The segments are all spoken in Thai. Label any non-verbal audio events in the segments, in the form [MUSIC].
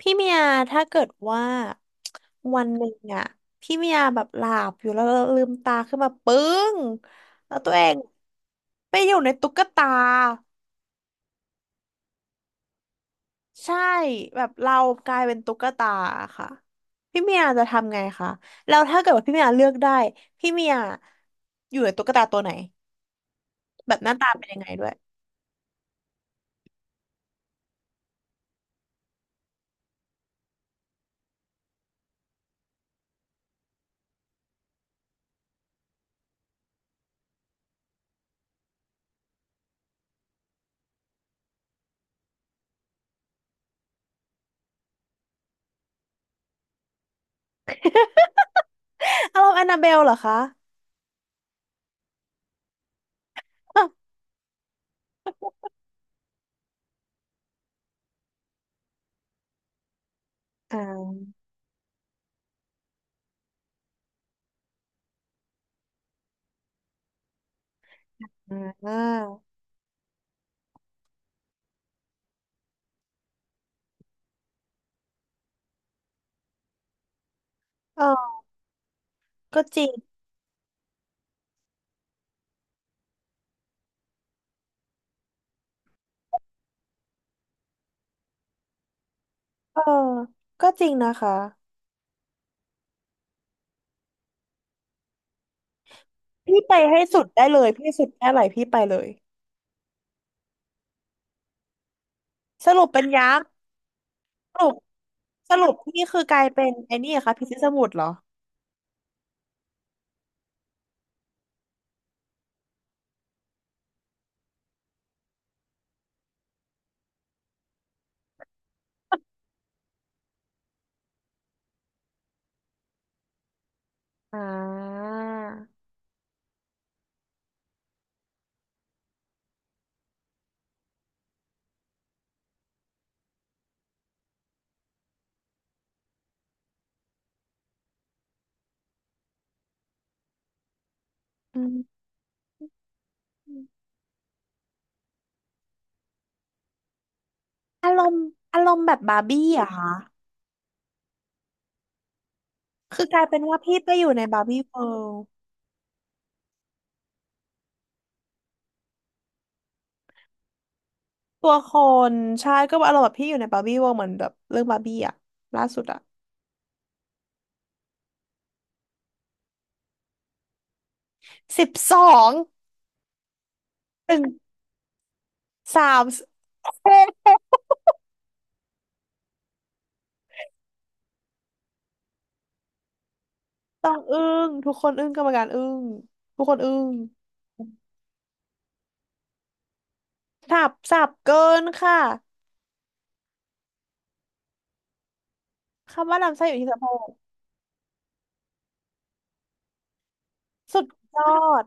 พี่เมียถ้าเกิดว่าวันหนึ่งอะพี่เมียแบบหลับอยู่แล้วลืมตาขึ้นมาปึ้งแล้วตัวเองไปอยู่ในตุ๊กตาใช่แบบเรากลายเป็นตุ๊กตาค่ะพี่เมียจะทำไงคะแล้วถ้าเกิดว่าพี่เมียเลือกได้พี่เมียอยู่ในตุ๊กตาตัวไหนแบบหน้าตาเป็นยังไงด้วย [LAUGHS] อารมณ์แอนนาเบลเหรอคะอ่าอ่าอ่าออก็จริงเออก็จริงนะคะ พี่ไปให้สุดได้เลยพี่สุดแค่ไหนพี่ไปเลยสรุปเป็นยักษ์สรุปสรุปนี่คือกลายเป็นไอ้นี่ค่ะพิชิตสมุทรเหรออ่าอืมอารมณ์อารมณ์แบบบาร์บี้อะค่ะคือกลายเป็นว่าพี่ไปอยู่ในบาร์บี้เวิลด์ตัวคนใช่ก็อารมณ์แบบพี่อยู่ในบาร์บี้เวิลด์เหมือนแบบเรื่องบาร์บี้อะล่าสุดอะสิบสองหนึ่ง3เอ๊ะต้องอึ้งทุกคนอึ้งกรรมการอึ้งทุกคนอึ้งสับสับเกินค่ะ คำว่าลำไส้อยู่ที่สะโพกสุดยอด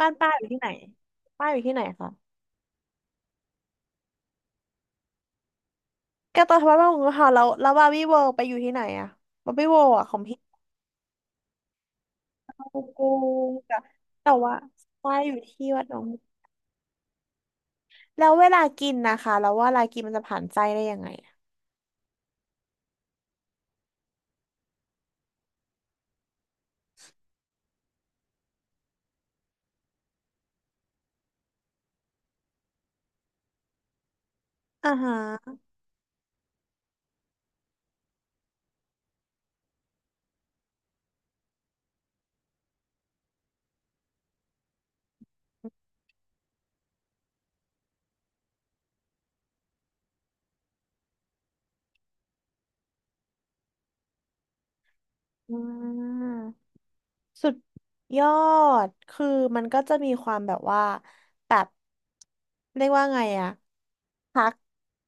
บ้านป้าอยู่ที่ไหนป้าอยู่ที่ไหนคะแกตอนทำบ้านป้าของเราแล้วแล้วบาร์บี้เวิลด์ไปอยู่ที่ไหนอะบาร์บี้เวิลด์อะของพี่เข้ากูแต่แต่ว่าป้าอยู่ที่วัดหนองบัวแล้วเวลากินนะคะแล้วว่าเวลากินมันจะผ่านไส้ได้ยังไงอะอ่าฮะอ่า สุดยอดคือมันก็จะมีความแบบว่าแบบเรียกว่าไงอะพัก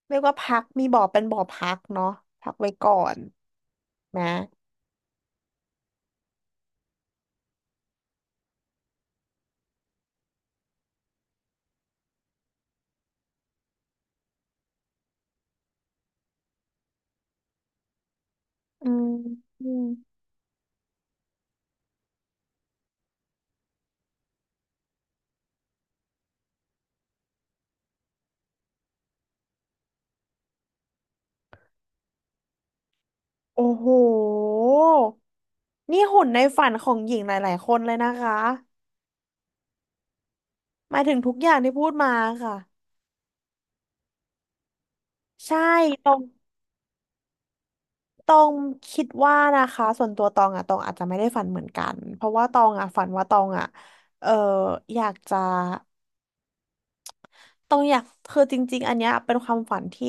เรียกว่าพักมีบ่อเป็นบ่อพักเนาะพักไว้ก่อนนะอืมอืมโอ้โหนี่หุ่นในฝันของหญิงหลายๆคนเลยนะคะหมายถึงทุกอย่างที่พูดมาค่ะใช่ตองตองคิดว่านะคะส่วนตัวตองอะตองอาจจะไม่ได้ฝันเหมือนกันเพราะว่าตองอะฝันว่าตองอะเอออยากจะ ต้องอยากคือจริงๆอันเนี้ยเป็นความฝันที่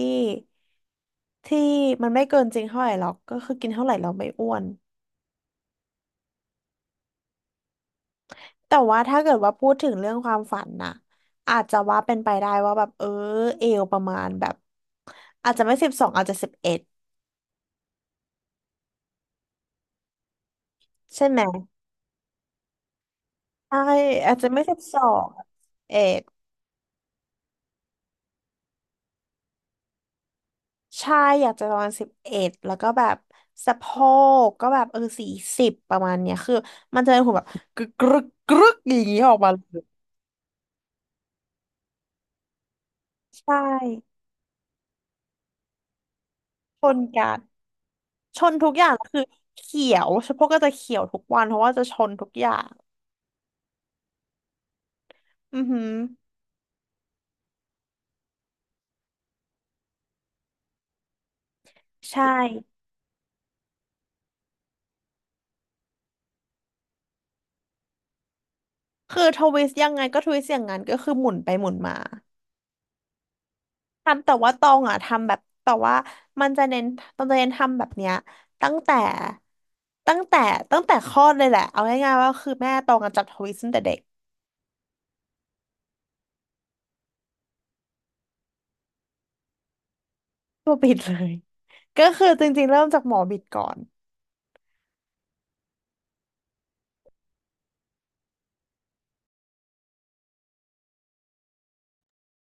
ที่มันไม่เกินจริงเท่าไหร่หรอกก็คือกินเท่าไหร่เราไม่อ้วนแต่ว่าถ้าเกิดว่าพูดถึงเรื่องความฝันน่ะอาจจะว่าเป็นไปได้ว่าแบบเออเอวประมาณแบบอาจจะไม่สิบสองอาจจะสิบเอ็ดใช่ไหมใช่อาจจะไม่สิบสองเอ็ดใช่อยากจะประมาณสิบเอ็ดแล้วก็แบบสะโพกก็แบบเออ40ประมาณเนี้ยคือมันจะเป็นหุ่นแบบใช่คนกัน ชนทุกอย่างคือเขียวเฉพาะก็จะเขียวทุกวันเพราะว่าจะชนทุกอย่างอือหือใช่คือทวิสต์ยังไงก็ทวิสต์อย่างนั้นก็คือหมุนไปหมุนมาทำแต่ว่าตองอ่ะทำแบบแต่ว่ามันจะเน้นตองจะเน้นทำแบบเนี้ยตั้งแต่ตั้งแต่ตั้งแต่คลอดเลยแหละเอาง่ายๆว่าคือแม่ตองอะจับทวิสต์ตั้งแต่เด็กตัวบิดเลยก็คือจริงๆเริ่มจากหมอบิดก่อน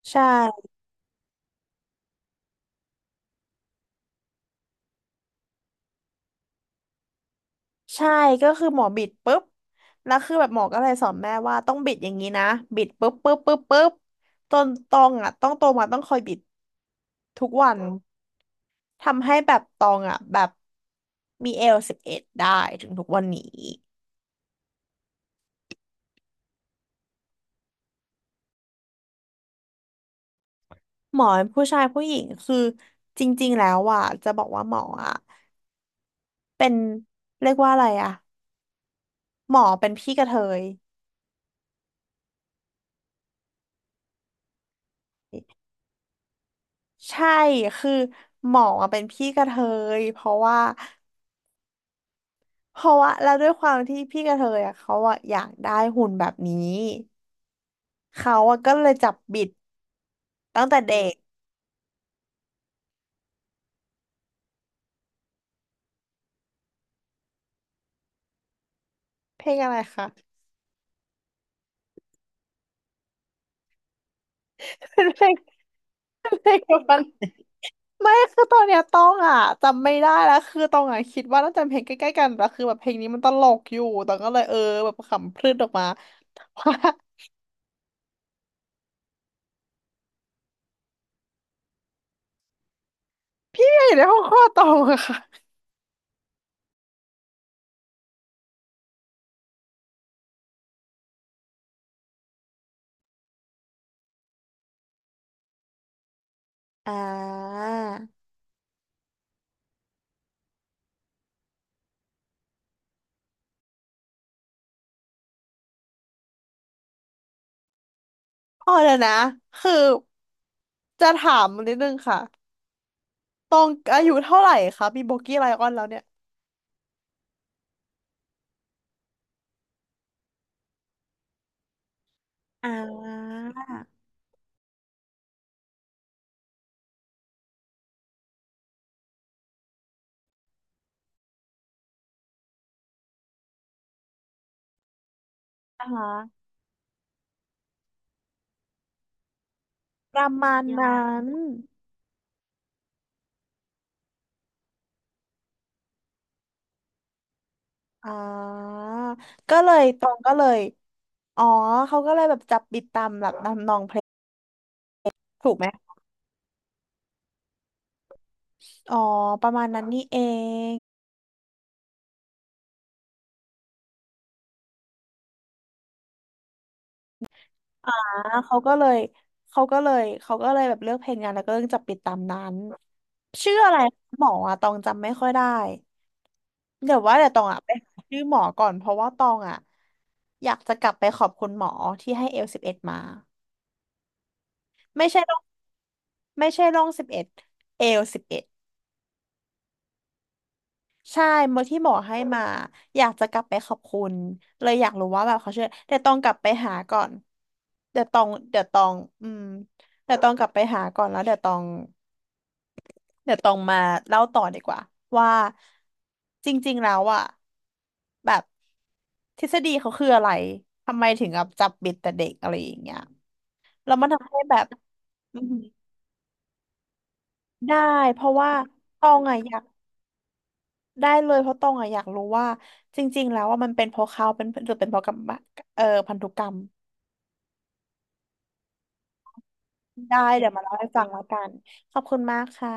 ใช่ ใช่ก็คือหมอบิดปุ๊บแล้วคือแบบหมอก็เลยสอนแม่ว่าต้องบิดอย่างนี้นะบิดปุ๊บปุ๊บปุ๊บปุ๊บจนตองอ่ะต้องโตมาต้องคอยบิดทุกวันทำให้แบบตองอ่ะแบบมีเอลสิบเอ็ดได้ถึงทุกวันนี้หมอผู้ชายผู้หญิงคือจริงๆแล้วอ่ะจะบอกว่าหมออ่ะเป็นเรียกว่าอะไรอ่ะหมอเป็นพี่กระเทยใช่คือหมออะเป็นพี่กระเทยเพราะว่า เพราะว่าแล้วด้วยความที่พี่กระเทยอ่ะเขาอ่ะอยากได้หุ่นแบบนี้เขาอ่ะก็เลยจับบิดตั้งแต่เด็กเพลงอะไรคะเป็นเพลง [LAUGHS] เพลงเดียวกันไม่คือตอนเนี้ยต้องอ่ะจำไม่ได้แล้วคือต้องอ่ะคิดว่าน่าจะเป็นเพลงใกล้ๆกันแต่คือแบบเพลงนี้มันตลกอยู่ตองก็เลยเออแบบขำพรืดออกมาว่าเนี่ยอยู่ในห้องคลอดตองอะค่ะอ่าอ๋อเดี๋ยวนะคือจะถามนิดนึงค่ะตองอายุเท่าไหร่คะมีโบกี้ไลออนแล้วเนี่ย อ่าอ่าฮะประมาณยานั้กนอ่าก็เลยตรงก็เลยอ๋อเขาก็เลยแบบจับบิดตามหลักนำนองเพลงถูกไหมอ๋อประมาณนั้นนี่เองอ่าเขาก็เลยเขาก็เลยเขาก็เลยแบบเลือกเพลงงานแล้วก็เลือกจับปิดตามนั้นชื่ออะไรหมออะตองจำไม่ค่อยได้เดี๋ยวว่าเดี๋ยวตองอะไปหาชื่อหมอก่อนเพราะว่าตองอ่ะอยากจะกลับไปขอบคุณหมอที่ให้เอลสิบเอ็ดมา ไม่ใช่ร่องไม่ใช่ร่องสิบเอ็ดเอวสิบเอ็ดใช่เมื่อที่หมอให้มาอยากจะกลับไปขอบคุณเลยอยากรู้ว่าแบบเขาช่วยเดี๋ยวต้องกลับไปหาก่อนเดี๋ยวต้องเดี๋ยวต้องอืมเดี๋ยวต้องกลับไปหาก่อนแล้วเดี๋ยวต้องเดี๋ยวต้องมาเล่าต่อดีกว่าว่าจริงๆแล้วอ่ะแบบทฤษฎีเขาคืออะไรทำไมถึงแบบจับบิดแต่เด็กอะไรอย่างเงี้ยแล้วมันทำให้แบบอืมได้เพราะว่าตองอะอยาก ได้เลยเพราะตองอะอยากรู้ว่าจริงๆแล้วว่ามันเป็นเพราะเขาเป็นหรือเป็นเพราะกรรมพันธุกรรมได้เเดี๋ยวมาเล่าให้ฟังแล้วกันขอบคุณมากค่ะ